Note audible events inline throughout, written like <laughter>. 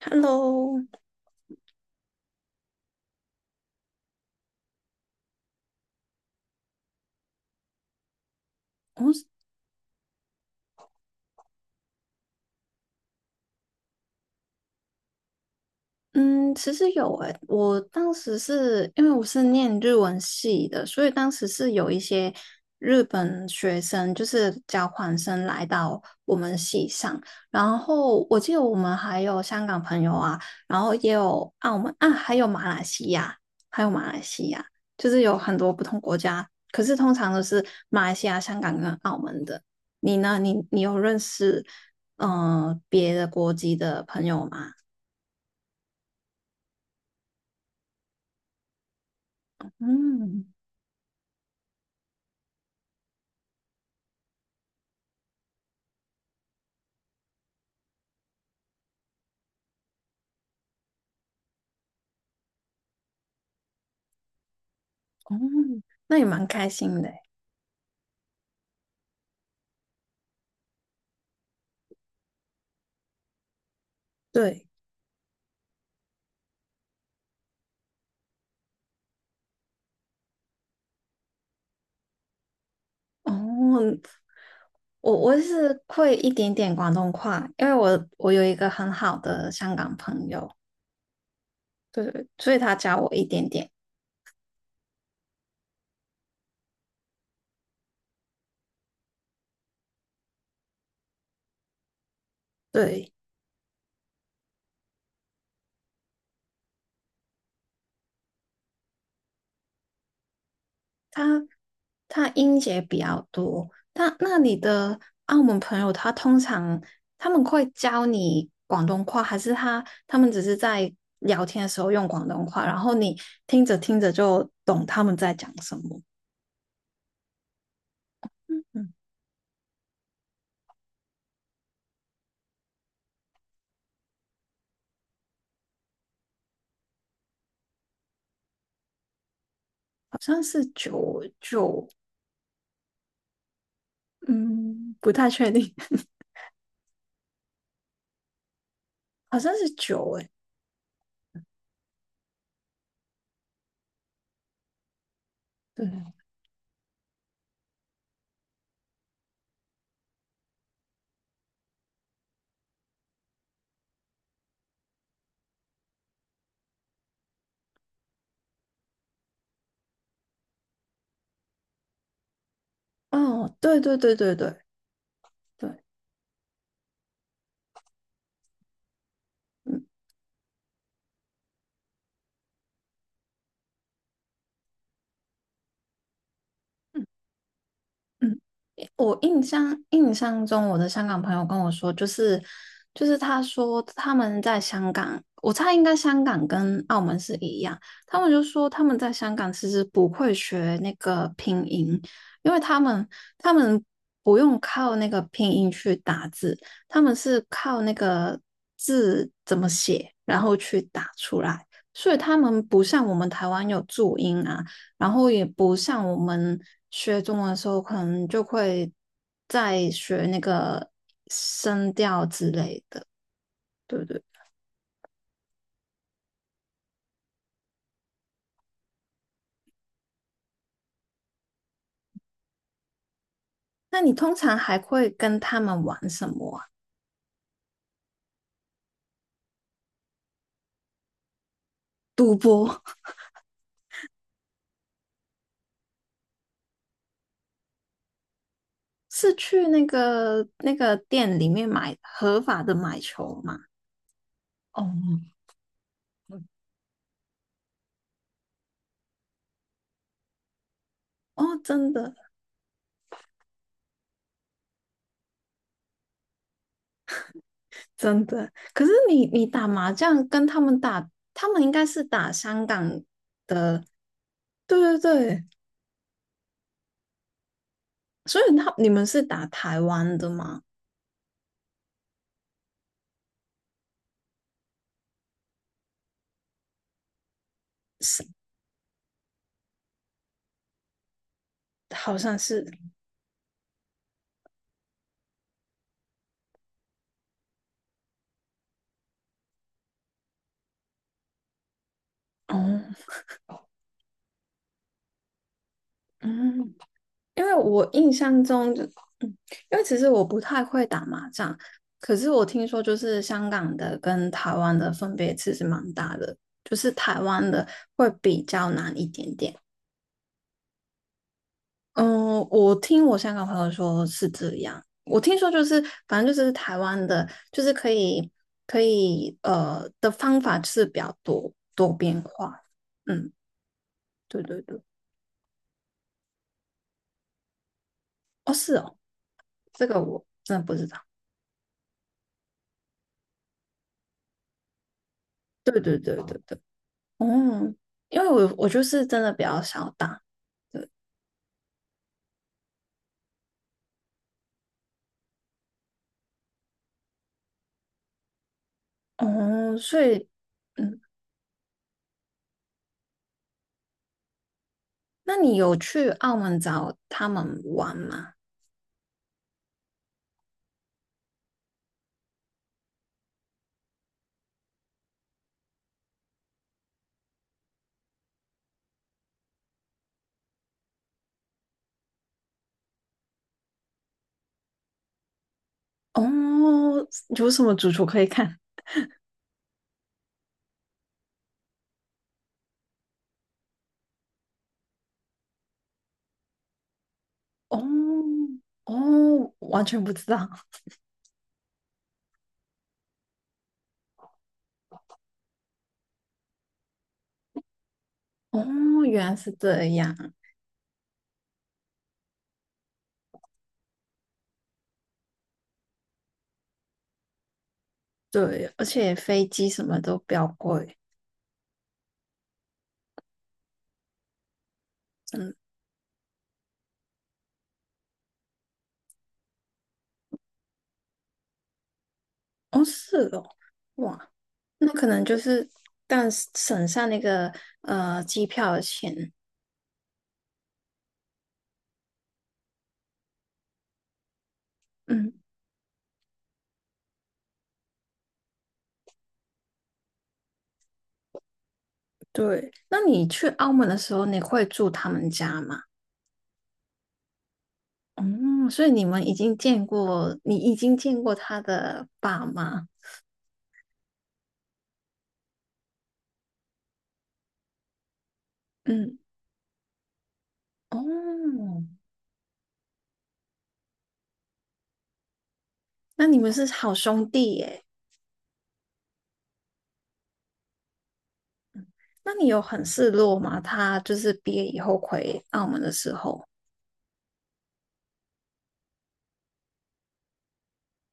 Hello。我嗯，其实有诶，我当时是因为我是念日文系的，所以当时是有一些日本学生，就是交换生来到我们系上。然后我记得我们还有香港朋友啊，然后也有澳门啊，还有马来西亚，还有马来西亚，就是有很多不同国家。可是通常都是马来西亚、香港跟澳门的。你呢？你有认识别的国籍的朋友吗？嗯。哦，那也蛮开心的诶。对，哦，我是会一点点广东话，因为我有一个很好的香港朋友，对，所以他教我一点点。对，他他音节比较多。他那你的澳门朋友，他通常他们会教你广东话，还是他们只是在聊天的时候用广东话，然后你听着听着就懂他们在讲什么？嗯，好像是九九。嗯，不太确定，<laughs> 好像是酒诶。对，哦，对对对对对对，嗯嗯嗯。我印象中，我的香港朋友跟我说，就是他说他们在香港，我猜应该香港跟澳门是一样，他们就说他们在香港其实不会学那个拼音，因为他们不用靠那个拼音去打字，他们是靠那个字怎么写，然后去打出来，所以他们不像我们台湾有注音啊。然后也不像我们学中文的时候，可能就会在学那个声调之类的，对不对？那你通常还会跟他们玩什么啊？赌博。 <laughs> 是去那个那个店里面买合法的买球吗？哦，哦，真的真的。可是你打麻将跟他们打，他们应该是打香港，对对对。所以他你们是打台湾的吗？是好像是，哦，嗯，因为我印象中就，嗯，因为其实我不太会打麻将，可是我听说就是香港的跟台湾的分别其实蛮大的，就是台湾的会比较难一点点。嗯，我听我香港朋友说是这样，我听说就是反正就是台湾的，就是可以的方法是比较多变化。嗯，对对对，哦是哦，这个我真的不知道。对对对对对，哦，因为我就是真的比较少打，哦，所以，嗯，那你有去澳门找他们玩吗？哦，有什么主厨可以看？<laughs> 哦哦，完全不知道，哦，原来是这样，对，而且飞机什么都比较贵，嗯，哦是哦，哇，那可能就是，但省下那个机票的钱，嗯。对，那你去澳门的时候，你会住他们家吗？嗯，所以你们已经见过，你已经见过他的爸妈。嗯，哦，那你们是好兄弟耶。那你有很失落吗？他就是毕业以后回澳门的时候。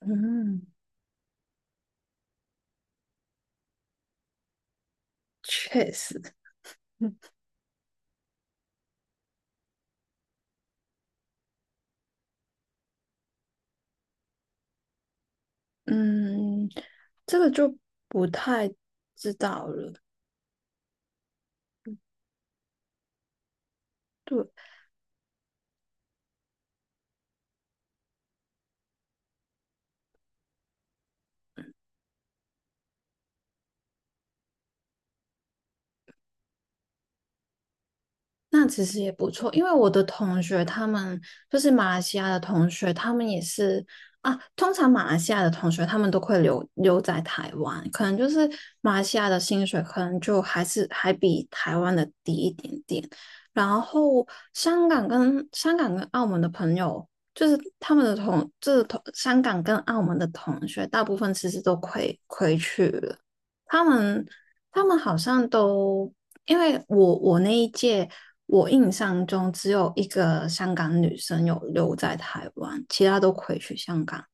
嗯，确实。嗯，这个就不太知道了。对，那其实也不错，因为我的同学他们就是马来西亚的同学，他们也是啊。通常马来西亚的同学他们都会留留在台湾，可能就是马来西亚的薪水可能就还是还比台湾的低一点点。然后香港跟澳门的朋友，就是他们的同就是同香港跟澳门的同学，大部分其实都回回去了。他们他们好像都因为我那一届，我印象中只有一个香港女生有留在台湾，其他都回去香港。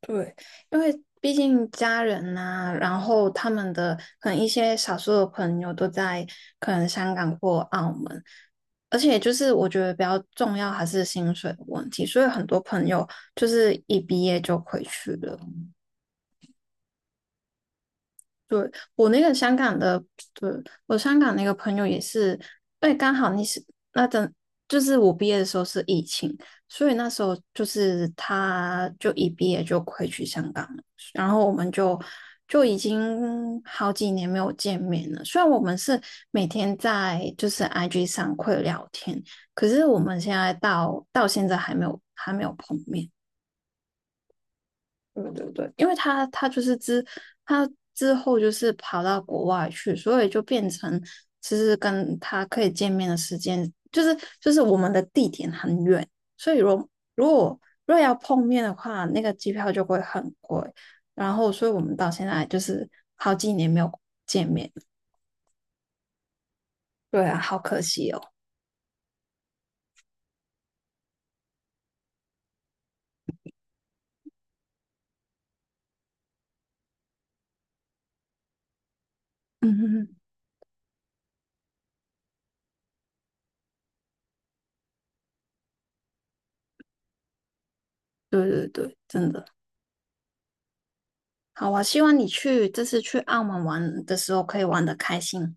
对，因为毕竟家人呐、然后他们的可能一些少数的朋友都在可能香港或澳门，而且就是我觉得比较重要还是薪水的问题，所以很多朋友就是一毕业就回去了。对，我那个香港的，对，我香港那个朋友也是，对，刚好你是那阵，就是我毕业的时候是疫情，所以那时候就是他就一毕业就回去香港了，然后我们就就已经好几年没有见面了。虽然我们是每天在就是 IG 上会聊天，可是我们现在到现在还没有碰面。对对对，因为他就是之他之后就是跑到国外去，所以就变成其实跟他可以见面的时间，就是我们的地点很远，所以如果如果要碰面的话，那个机票就会很贵，然后所以我们到现在就是好几年没有见面，对啊，好可惜哦。嗯哼哼，对对对，真的。好啊，希望你去这次去澳门玩的时候可以玩的开心。